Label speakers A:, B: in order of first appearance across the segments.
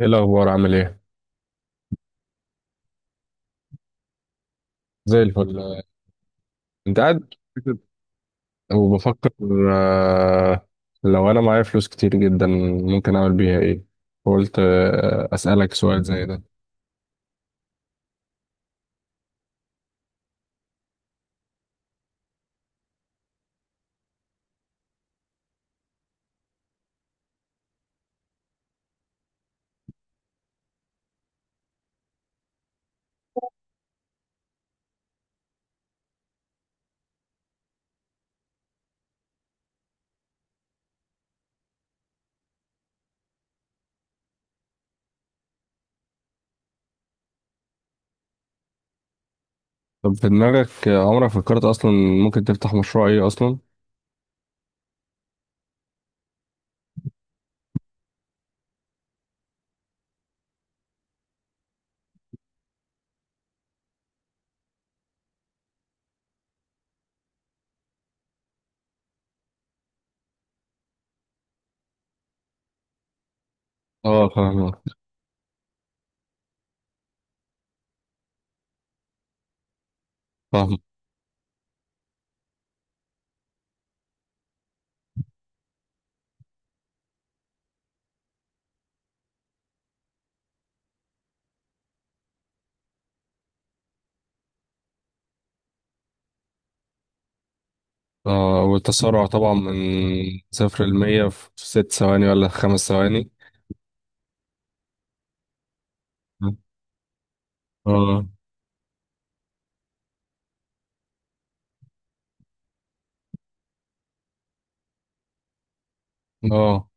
A: ايه الاخبار؟ عامل ايه؟ زي الفل. انت قاعد كده وبفكر، آه، لو انا معايا فلوس كتير جدا ممكن اعمل بيها ايه؟ قلت اسالك سؤال زي ده. طب في دماغك، عمرك فكرت اصلا ممكن تفتح مشروع ايه اصلا؟ اه فاهم، فاهم. آه، والتسارع طبعا من 0 لـ100 في 6 ثواني ولا 5 ثواني؟ اه. اه.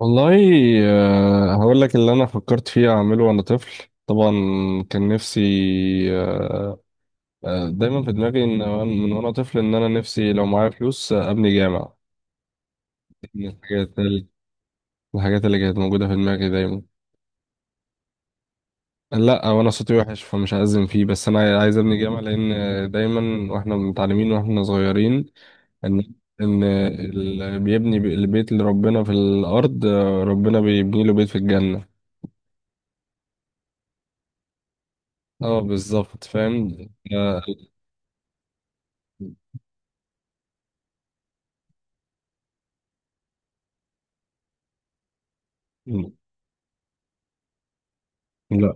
A: والله، هقول لك اللي انا فكرت فيه اعمله وانا طفل طبعا. كان نفسي، آه، دايما في دماغي ان من وانا طفل ان انا نفسي لو معايا فلوس ابني جامع. من الحاجات الحاجات اللي كانت موجوده في دماغي دايما. لا، وانا صوتي وحش فمش هأذن فيه، بس انا عايز ابني جامع لان دايما واحنا متعلمين واحنا صغيرين ان ان اللي بيبني البيت لربنا في الارض ربنا بيبني له بيت في الجنه. اه بالظبط فاهم. مم. لا.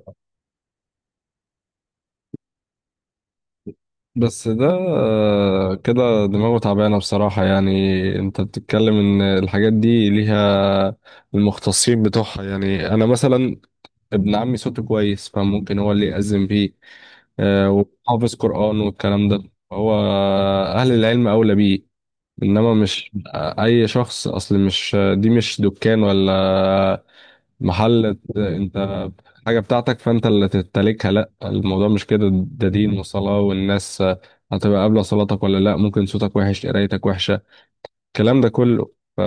A: بس ده كده دماغه تعبانة بصراحة، يعني. انت بتتكلم ان الحاجات دي ليها المختصين بتوعها. يعني انا مثلا ابن عمي صوته كويس فممكن هو اللي يأذن بيه، وحافظ قرآن والكلام ده. هو اهل العلم اولى بيه، انما مش اي شخص. اصل مش دي، مش دكان ولا محل انت حاجة بتاعتك فانت اللي تمتلكها. لا الموضوع مش كده، ده دين وصلاة والناس هتبقى قابلة صلاتك ولا لا. ممكن صوتك وحش، قرايتك وحشة، الكلام ده كله. ف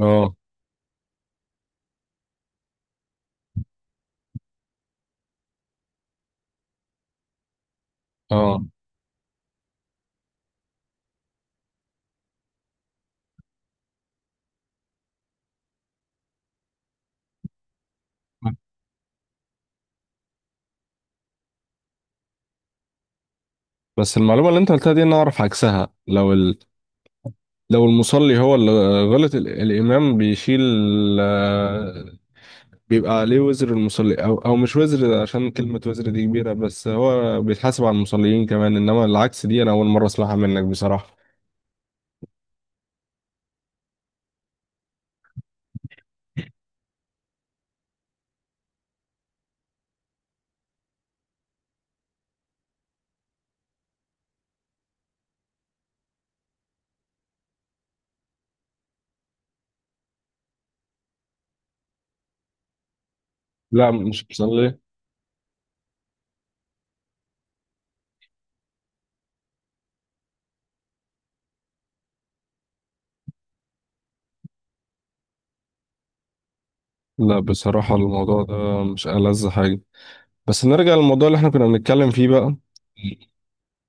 A: اه. اه. بس المعلومة اللي انت قلتها دي انا اعرف عكسها. لو لو المصلي هو اللي غلط، الامام بيشيل، آه، بيبقى عليه وزر المصلي، او مش وزر، عشان كلمة وزر دي كبيرة، بس هو بيتحاسب على المصليين كمان. انما العكس دي انا اول مرة اسمعها منك بصراحة. لا مش بصلي. لا بصراحة الموضوع ده مش ألذ حاجة. بس نرجع للموضوع اللي احنا كنا بنتكلم فيه بقى.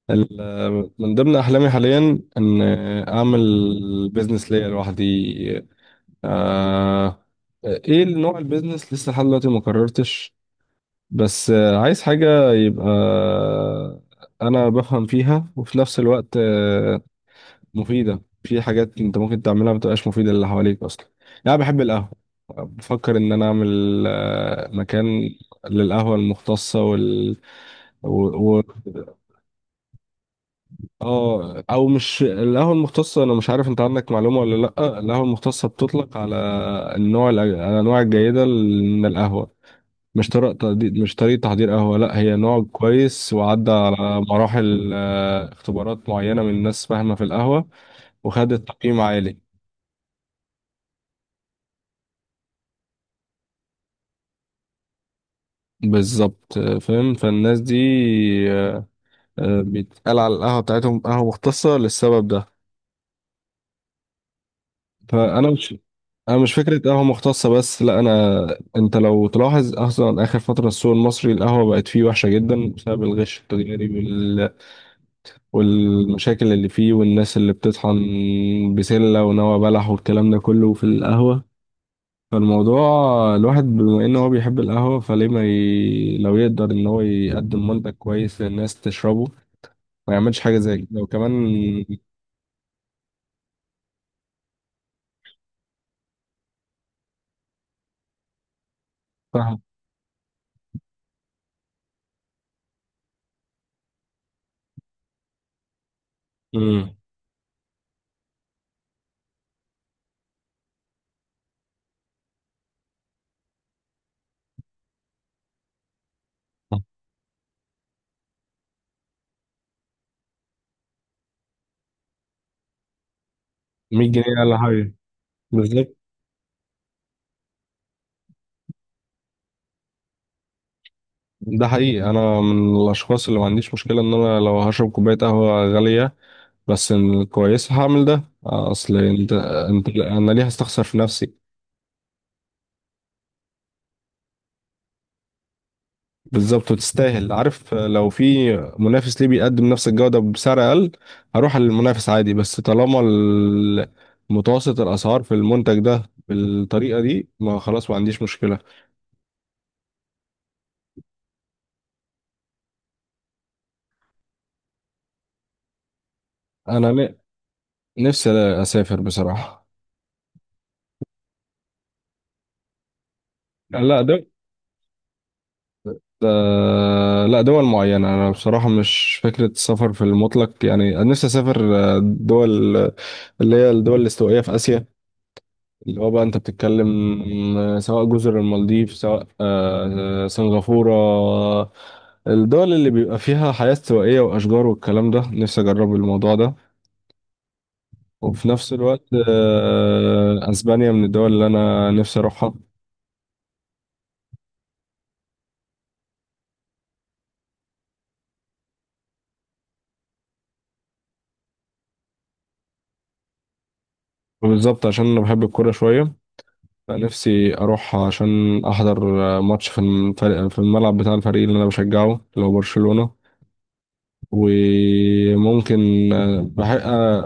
A: من ضمن أحلامي حاليا إن أعمل بيزنس ليا لوحدي. آه إيه نوع البيزنس؟ لسه لحد دلوقتي ما قررتش. بس عايز حاجة يبقى أنا بفهم فيها وفي نفس الوقت مفيدة. في حاجات انت ممكن تعملها بتبقاش مفيدة للي حواليك اصلا. يعني انا بحب القهوة، بفكر ان انا اعمل مكان للقهوة المختصة و... و... اه، او مش القهوة المختصة. انا مش عارف انت عندك معلومة ولا لا. القهوة المختصة بتطلق على الانواع الجيدة من القهوة. مش طريقة تحضير، قهوة. لا هي نوع كويس وعدى على مراحل، اختبارات معينة من ناس فاهمة في القهوة وخدت تقييم عالي. بالظبط، فاهم. فالناس دي آه، بيتقال على القهوة بتاعتهم قهوة مختصة للسبب ده. فأنا مش أنا مش فكرة قهوة مختصة بس، لا أنت لو تلاحظ أصلا آخر فترة السوق المصري القهوة بقت فيه وحشة جدا بسبب الغش التجاري والمشاكل اللي فيه والناس اللي بتطحن بسلة ونوى بلح والكلام ده كله في القهوة. فالموضوع الواحد، بما إن هو بيحب القهوة، فليه ما لو يقدر إن هو يقدم منتج كويس للناس تشربه ما يعملش حاجة زي كده؟ وكمان. صح. مم. 100 جنيه ولا حاجة. بالظبط، ده حقيقي. أنا من الأشخاص اللي ما عنديش مشكلة إن أنا لو هشرب كوباية قهوة غالية بس إن كويس هعمل ده. أصل أنت أنت أنا ليه هستخسر في نفسي؟ بالظبط، وتستاهل. عارف، لو في منافس ليه بيقدم نفس الجودة بسعر أقل هروح للمنافس عادي. بس طالما متوسط الأسعار في المنتج ده بالطريقة دي، ما خلاص ما عنديش مشكلة. أنا نفسي اسافر بصراحه. لا دول، لا دول معينه. انا بصراحه مش فكره السفر في المطلق، يعني أنا نفسي اسافر دول اللي هي الدول الاستوائيه في اسيا، اللي هو بقى انت بتتكلم، سواء جزر المالديف، سواء سنغافوره. الدول اللي بيبقى فيها حياه استوائيه واشجار والكلام ده، نفسي اجرب الموضوع ده. وفي نفس الوقت اسبانيا من الدول اللي انا نفسي اروحها. بالظبط، عشان انا بحب الكوره شويه. أنا نفسي أروح عشان أحضر ماتش في الفريق، في الملعب بتاع الفريق اللي أنا بشجعه اللي هو برشلونة. وممكن بحب,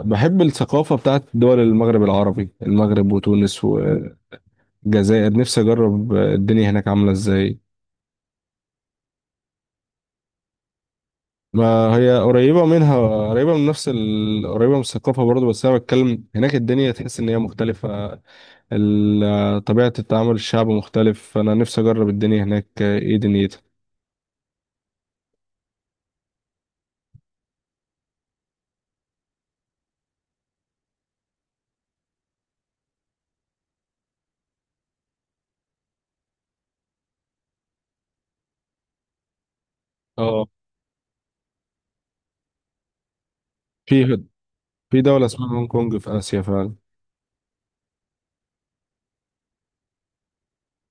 A: بحب الثقافة بتاعت دول المغرب العربي: المغرب وتونس والجزائر. نفسي أجرب الدنيا هناك عاملة إزاي. ما هي قريبة منها، قريبة من الثقافة برضه، بس أنا بتكلم هناك الدنيا تحس إن هي مختلفة. طبيعة التعامل، الشعب مختلف. أنا نفسي أجرب الدنيا هناك إيه دنيتها. اه، في في دولة اسمها هونج كونج في آسيا فعلا.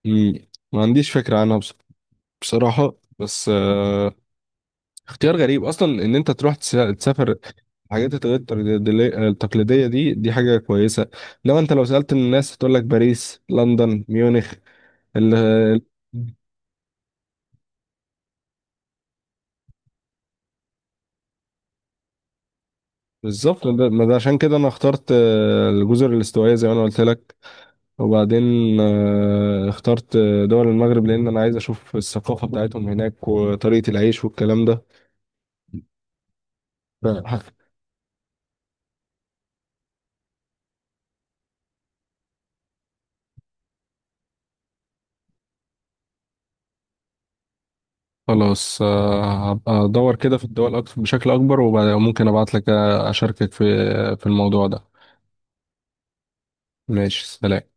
A: مم. ما عنديش فكرة عنها. بصراحة، بس اختيار غريب أصلا إن أنت تروح تسافر الحاجات الغير تقليدية. التقليدية دي، دي حاجة كويسة. إنما أنت لو سألت الناس هتقول لك باريس، لندن، ميونخ. ال ال- بالظبط. ما ده عشان كده أنا اخترت الجزر الاستوائية زي ما أنا قلت لك. وبعدين اخترت دول المغرب لأن أنا عايز أشوف الثقافة بتاعتهم هناك وطريقة العيش والكلام ده. خلاص، هبقى ادور كده في الدول اكتر بشكل اكبر وممكن ابعت لك، اشاركك في في الموضوع ده. ماشي، سلام.